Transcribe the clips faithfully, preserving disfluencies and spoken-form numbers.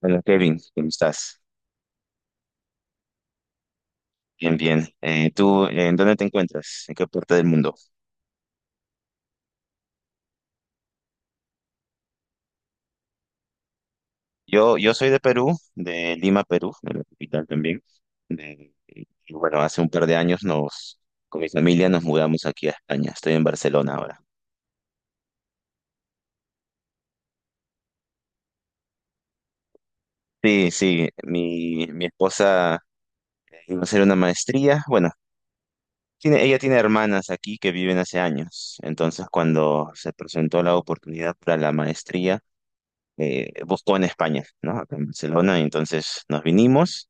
Hola Kevin, ¿cómo estás? Bien, bien. Eh, ¿tú eh, en dónde te encuentras? ¿En qué parte del mundo? Yo, yo soy de Perú, de Lima, Perú, de la capital también. De- y bueno, hace un par de años nos, con mi familia nos mudamos aquí a España. Estoy en Barcelona ahora. Sí, sí, mi, mi esposa eh, iba a hacer una maestría. Bueno, tiene, ella tiene hermanas aquí que viven hace años. Entonces, cuando se presentó la oportunidad para la maestría, eh, buscó en España, ¿no? Acá en Barcelona, entonces nos vinimos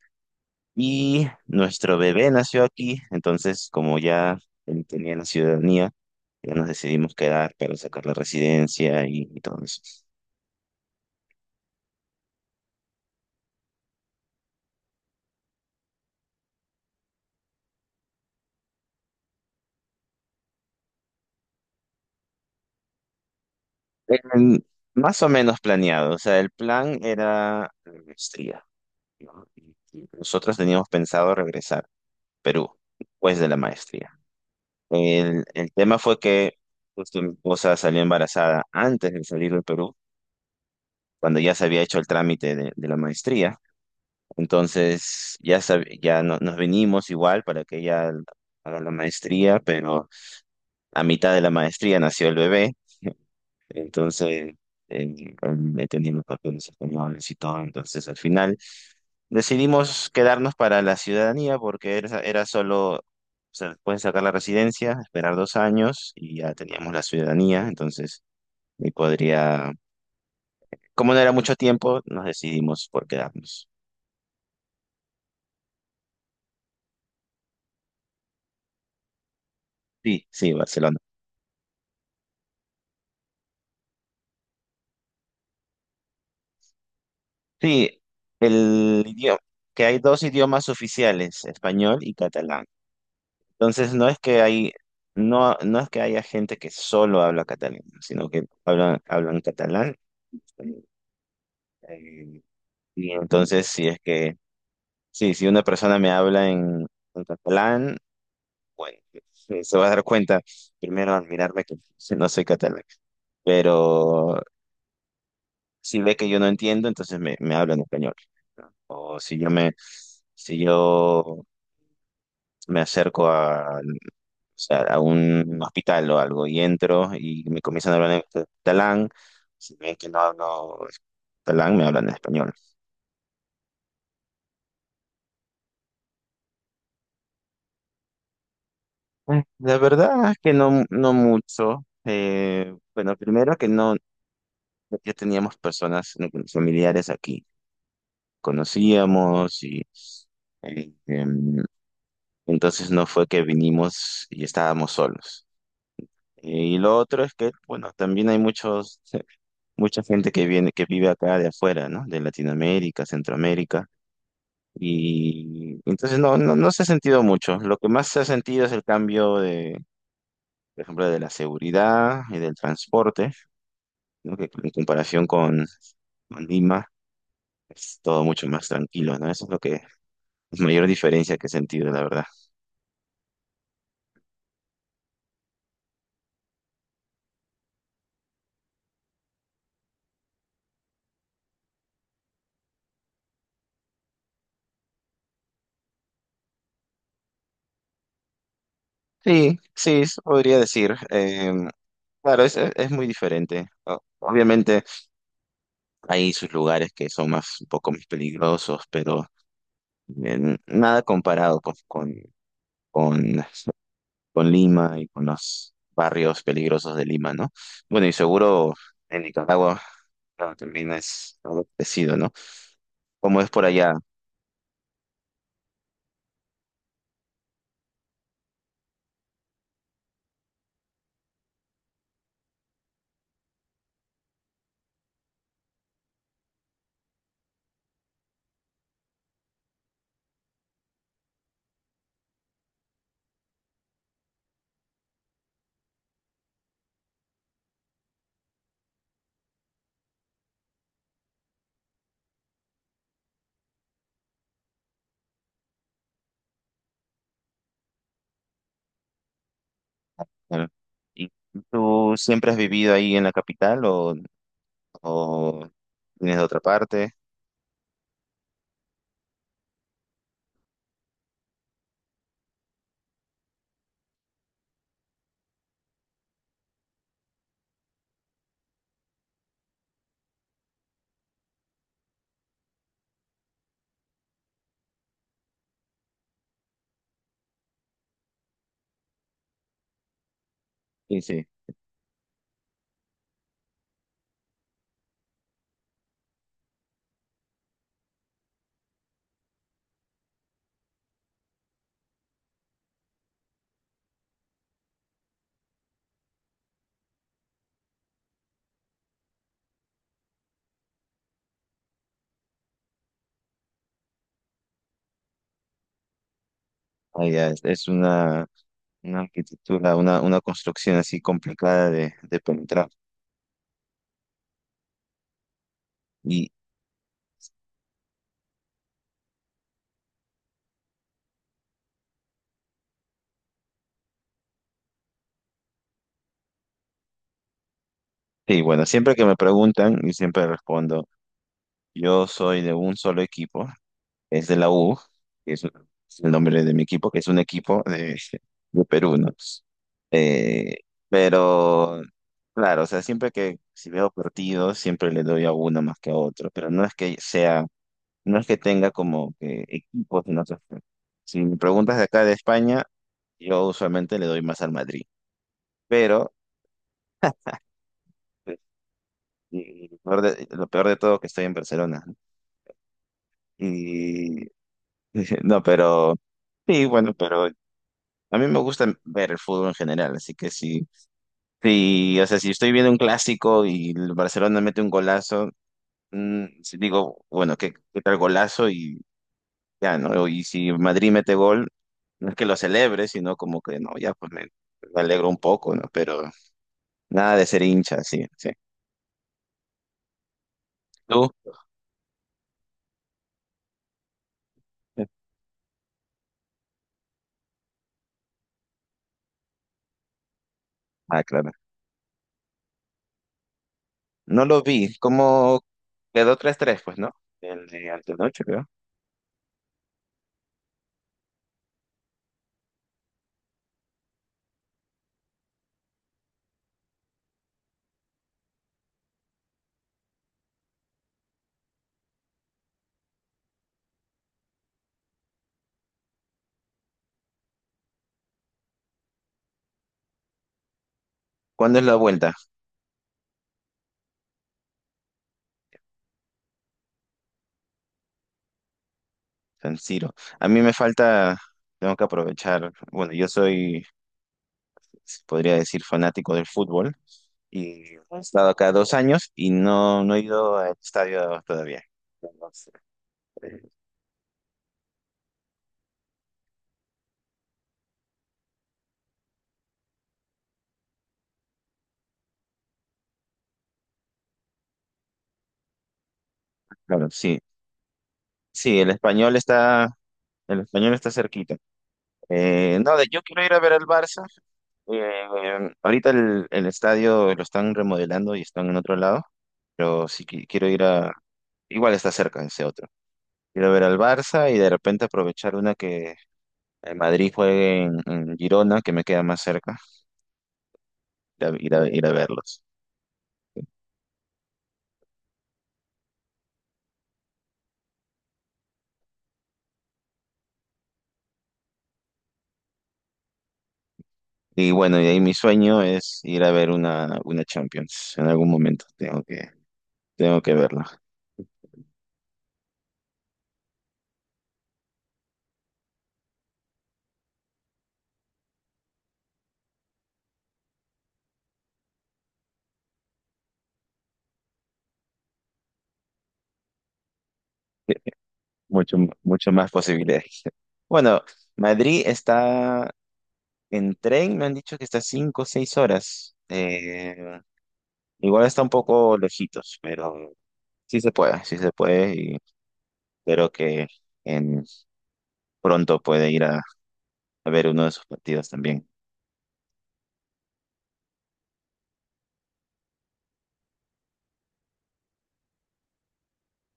y nuestro bebé nació aquí, entonces como ya él tenía la ciudadanía, ya nos decidimos quedar para sacar la residencia y, y todo eso. Em, más o menos planeado, o sea, el plan era la maestría, ¿no? Y- y Nosotros teníamos pensado regresar a Perú después de la maestría. El, el tema fue que justo mi esposa salió embarazada antes de salir de Perú cuando ya se había hecho el trámite de, de la maestría. Entonces ya, sab- ya no- nos venimos igual para que ella haga la maestría, pero a mitad de la maestría nació el bebé. Entonces, eh, he tenido los papeles españoles y todo. Entonces, al final decidimos quedarnos para la ciudadanía porque era, era solo, o sea, pueden sacar la residencia, esperar dos años y ya teníamos la ciudadanía. Entonces, y podría, como no era mucho tiempo, nos decidimos por quedarnos. Sí, sí, Barcelona. Sí, el idioma, que hay dos idiomas oficiales, español y catalán. Entonces no es que hay, no, no es que haya gente que solo habla catalán, sino que hablan, hablan catalán. Eh, y entonces si es que, sí, si una persona me habla en, en catalán, bueno, se va a dar cuenta primero al mirarme que no soy catalán. Pero si ve que yo no entiendo, entonces me, me habla en español. ¿No? O si yo me, si yo me acerco a, o sea, a un hospital o algo y entro y me comienzan a hablar en catalán, si ven que no hablo catalán, me hablan en español. Eh, La verdad es que no, no mucho. Eh, bueno, primero que no, ya teníamos personas eh, familiares aquí, conocíamos y eh, em, entonces no fue que vinimos y estábamos solos. Y lo otro es que, bueno, también hay muchos, mucha gente que viene, que vive acá de afuera, ¿no? De Latinoamérica, Centroamérica. Y entonces no, no, no se ha sentido mucho. Lo que más se ha sentido es el cambio de, por ejemplo, de la seguridad y del transporte, ¿no? Que en comparación con, con Lima es todo mucho más tranquilo, ¿no? Eso es lo que, La mayor diferencia que he sentido, la verdad. Sí, sí, eso podría decir. Em, claro, es, es es muy diferente. O- Obviamente. Hay sus lugares que son más, un poco más peligrosos, pero eh, nada comparado pues, con, con, con Lima y con los barrios peligrosos de Lima, ¿no? Bueno, y seguro en Nicaragua claro, también es algo parecido, ¿no? ¿Cómo es por allá? Claro. ¿Y tú siempre has vivido ahí en la capital o, o vienes de otra parte? Sí, sí. Allá es, es una, una arquitectura, una, una construcción así complicada de, de penetrar. Sí, bueno, siempre que me preguntan, y siempre respondo, yo soy de un solo equipo, es de la U, que es, es el nombre de mi equipo, que es un equipo de, de Perú, ¿no? Pues, Eh, pero, claro, o sea, siempre que si veo partidos, siempre le doy a uno más que a otro, pero no es que sea, no es que tenga como que equipos en otros. ¿No? Si me preguntas de acá de España, yo usualmente le doy más al Madrid, pero. Y- y Lo peor de, lo peor de todo que estoy en Barcelona. Y no, pero sí, bueno, pero a mí me gusta ver el fútbol en general, así que sí, sí, o sea, si estoy viendo un clásico y el Barcelona mete un golazo, mm, sí digo, bueno, ¿qué, qué tal golazo? Y ya, ¿no? Y si Madrid mete gol, no es que lo celebre, sino como que no, ya pues me, me alegro un poco, ¿no? Pero nada de ser hincha, sí, sí. ¿Tú? Ah, claro. No lo vi, como quedó tres tres pues, ¿no? El de Alto Noche, creo. ¿Cuándo es la vuelta? San Siro. A mí me falta, tengo que aprovechar, bueno, yo soy, se podría decir, fanático del fútbol y he estado acá dos años y no, no he ido al estadio todavía. Entonces, eh, Claro, sí, sí, el español está, el español está cerquita. Eh, no, de- yo quiero ir a ver al Barça. Eh, ahorita el, el estadio lo están remodelando y están en otro lado, pero sí qui- quiero ir a, igual está cerca ese otro. Quiero ver al Barça y de repente aprovechar una que el Madrid juegue en, en Girona, que me queda más cerca, ir a, ir a- ir a verlos. Y bueno, y ahí mi sueño es ir a ver una, una Champions en algún momento. Tengo que, tengo que verla. Sí, mucho, mucho más posibilidades. Bueno, Madrid está en tren, me han dicho que está cinco o seis horas. Eh, Igual está un poco lejitos, pero sí se puede, sí se puede y espero que en pronto pueda ir a, a ver uno de sus partidos también.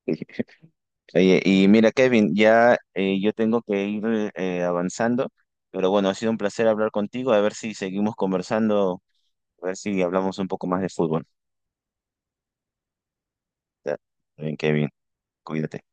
Oye, y mira, Kevin, ya eh, yo tengo que ir eh, avanzando, pero bueno, ha sido un placer hablar contigo, a ver si seguimos conversando, a ver si hablamos un poco más de fútbol. Ya, está bien, Kevin, cuídate.